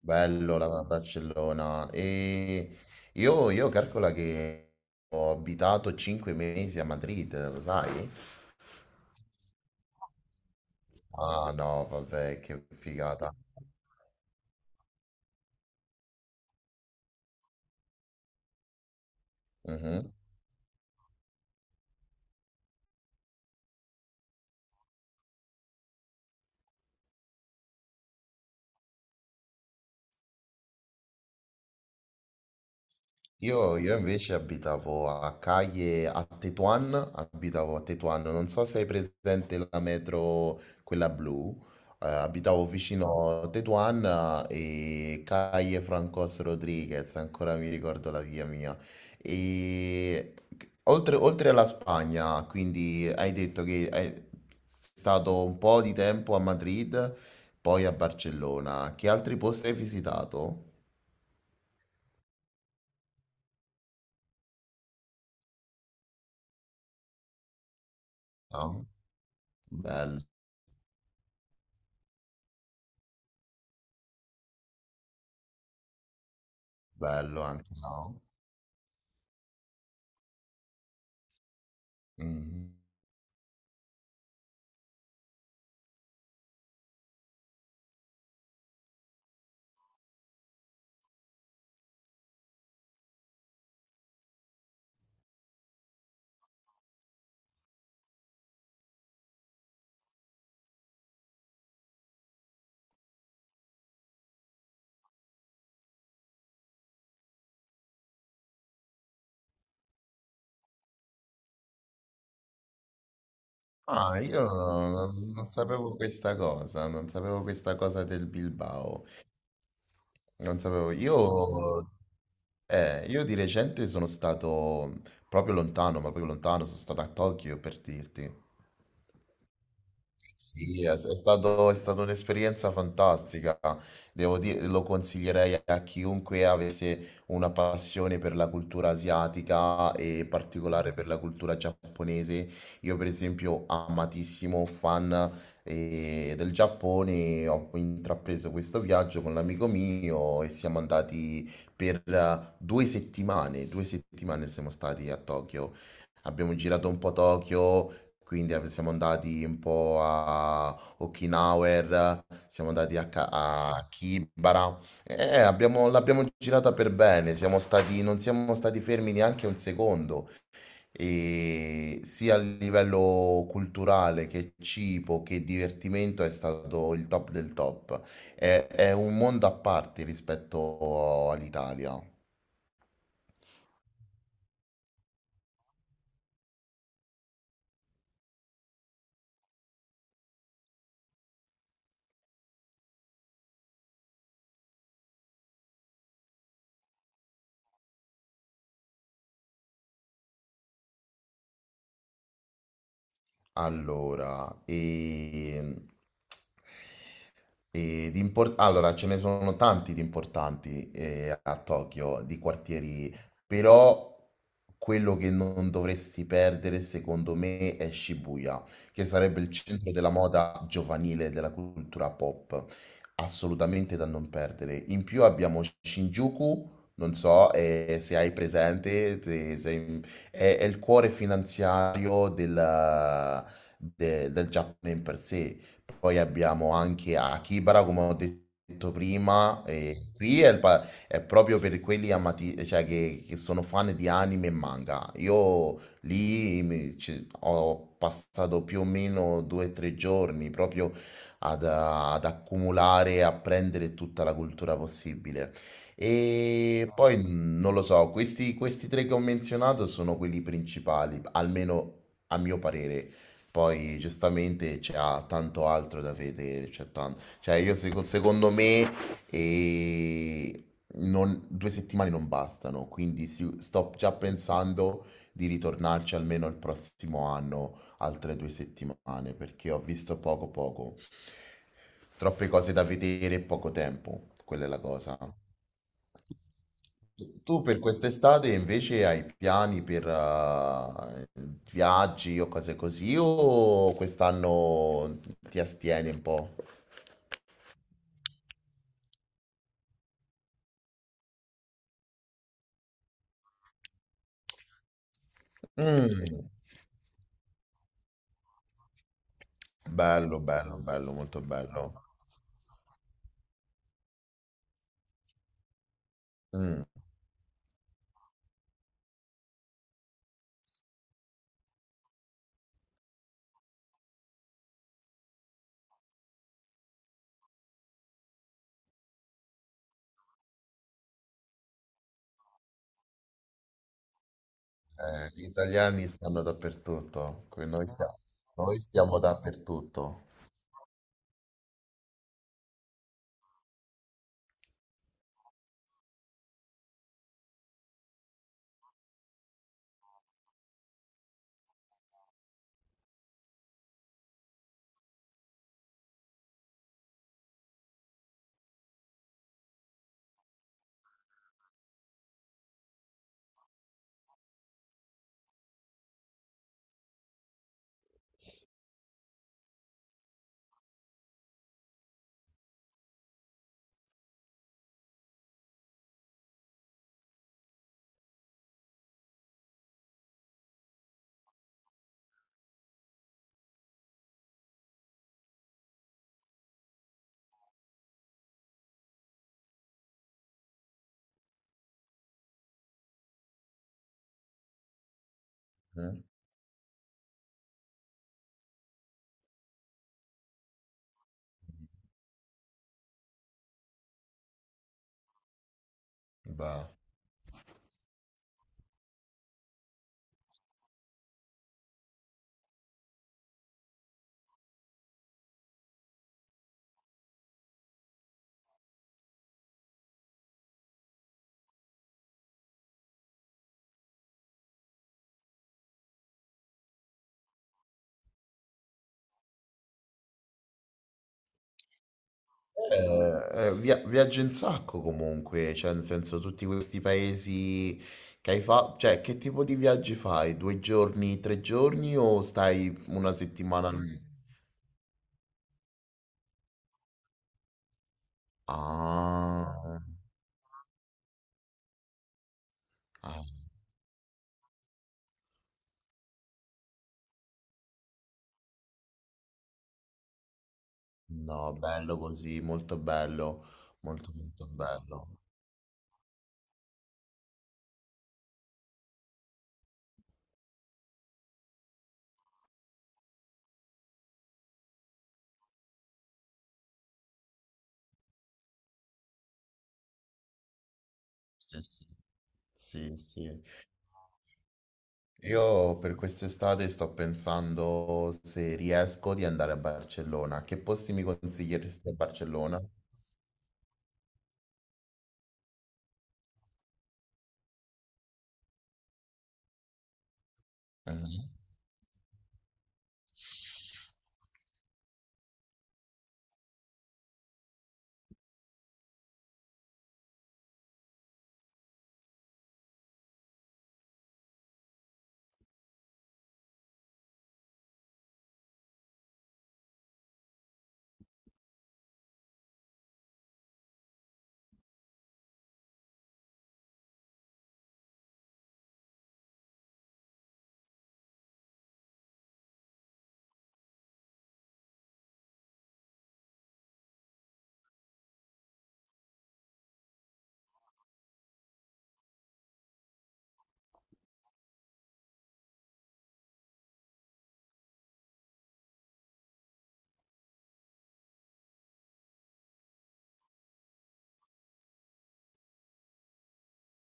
Bello la Barcellona. E io calcola che ho abitato 5 mesi a Madrid, lo sai? Ah no, vabbè, che figata. Io invece abitavo a Caglie, a Tetuan, abitavo a Tetuan, non so se hai presente la metro, quella blu, abitavo vicino a Tetuan e Caglie Francos Rodriguez, ancora mi ricordo la via mia. E oltre alla Spagna, quindi hai detto che è stato un po' di tempo a Madrid, poi a Barcellona, che altri posti hai visitato? Ah, bello. Bello anche, no? Mm. Ah, io non, non sapevo questa cosa, non sapevo questa cosa del Bilbao. Non sapevo. Io di recente sono stato proprio lontano, ma proprio lontano, sono stato a Tokyo per dirti. Sì, è stata un'esperienza fantastica. Devo dire, lo consiglierei a chiunque avesse una passione per la cultura asiatica e in particolare per la cultura giapponese. Io, per esempio, amatissimo fan del Giappone, ho intrapreso questo viaggio con l'amico mio e siamo andati per 2 settimane. 2 settimane siamo stati a Tokyo. Abbiamo girato un po' Tokyo, quindi ab siamo andati un po' a Okinawer, siamo andati a Ka a Kibara e abbiamo l'abbiamo girata per bene, siamo stati non siamo stati fermi neanche un secondo, e sia a livello culturale che cibo che divertimento è stato il top del top. È un mondo a parte rispetto all'Italia. Allora, e... E allora, ce ne sono tanti di importanti a Tokyo, di quartieri, però quello che non dovresti perdere, secondo me, è Shibuya, che sarebbe il centro della moda giovanile e della cultura pop, assolutamente da non perdere. In più abbiamo Shinjuku, non so se hai presente, è il cuore finanziario del Giappone in per sé. Poi abbiamo anche Akihabara, come ho detto prima, e qui è, è proprio per quelli amati, cioè che sono fan di anime e manga. Io lì ho passato più o meno 2 o 3 giorni proprio ad accumulare e apprendere tutta la cultura possibile. E poi non lo so, questi tre che ho menzionato sono quelli principali, almeno a mio parere. Poi giustamente c'è tanto altro da vedere, cioè io secondo me eh, 2 settimane non bastano, quindi sto già pensando di ritornarci almeno il prossimo anno, altre 2 settimane, perché ho visto poco poco, troppe cose da vedere e poco tempo, quella è la cosa. Tu per quest'estate invece hai piani per viaggi o cose così, o quest'anno ti astieni un po'? Mm. Bello, bello, bello, molto bello. Mm. Eh, gli italiani stanno dappertutto, noi stiamo dappertutto. Mm. Beh. Viaggi un sacco comunque, cioè nel senso tutti questi paesi che hai fatto, cioè che tipo di viaggi fai? Due giorni, tre giorni o stai una settimana lì? Ah, ah, no, bello così, molto bello, molto molto bello. Sì, sì, sì, sì. Io per quest'estate sto pensando se riesco di andare a Barcellona. Che posti mi consiglieresti a Barcellona? Eh.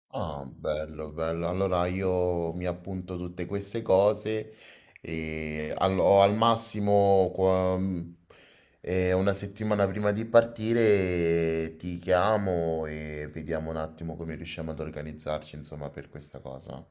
Ah, bello, bello. Allora io mi appunto tutte queste cose e o al massimo una settimana prima di partire ti chiamo e vediamo un attimo come riusciamo ad organizzarci, insomma, per questa cosa.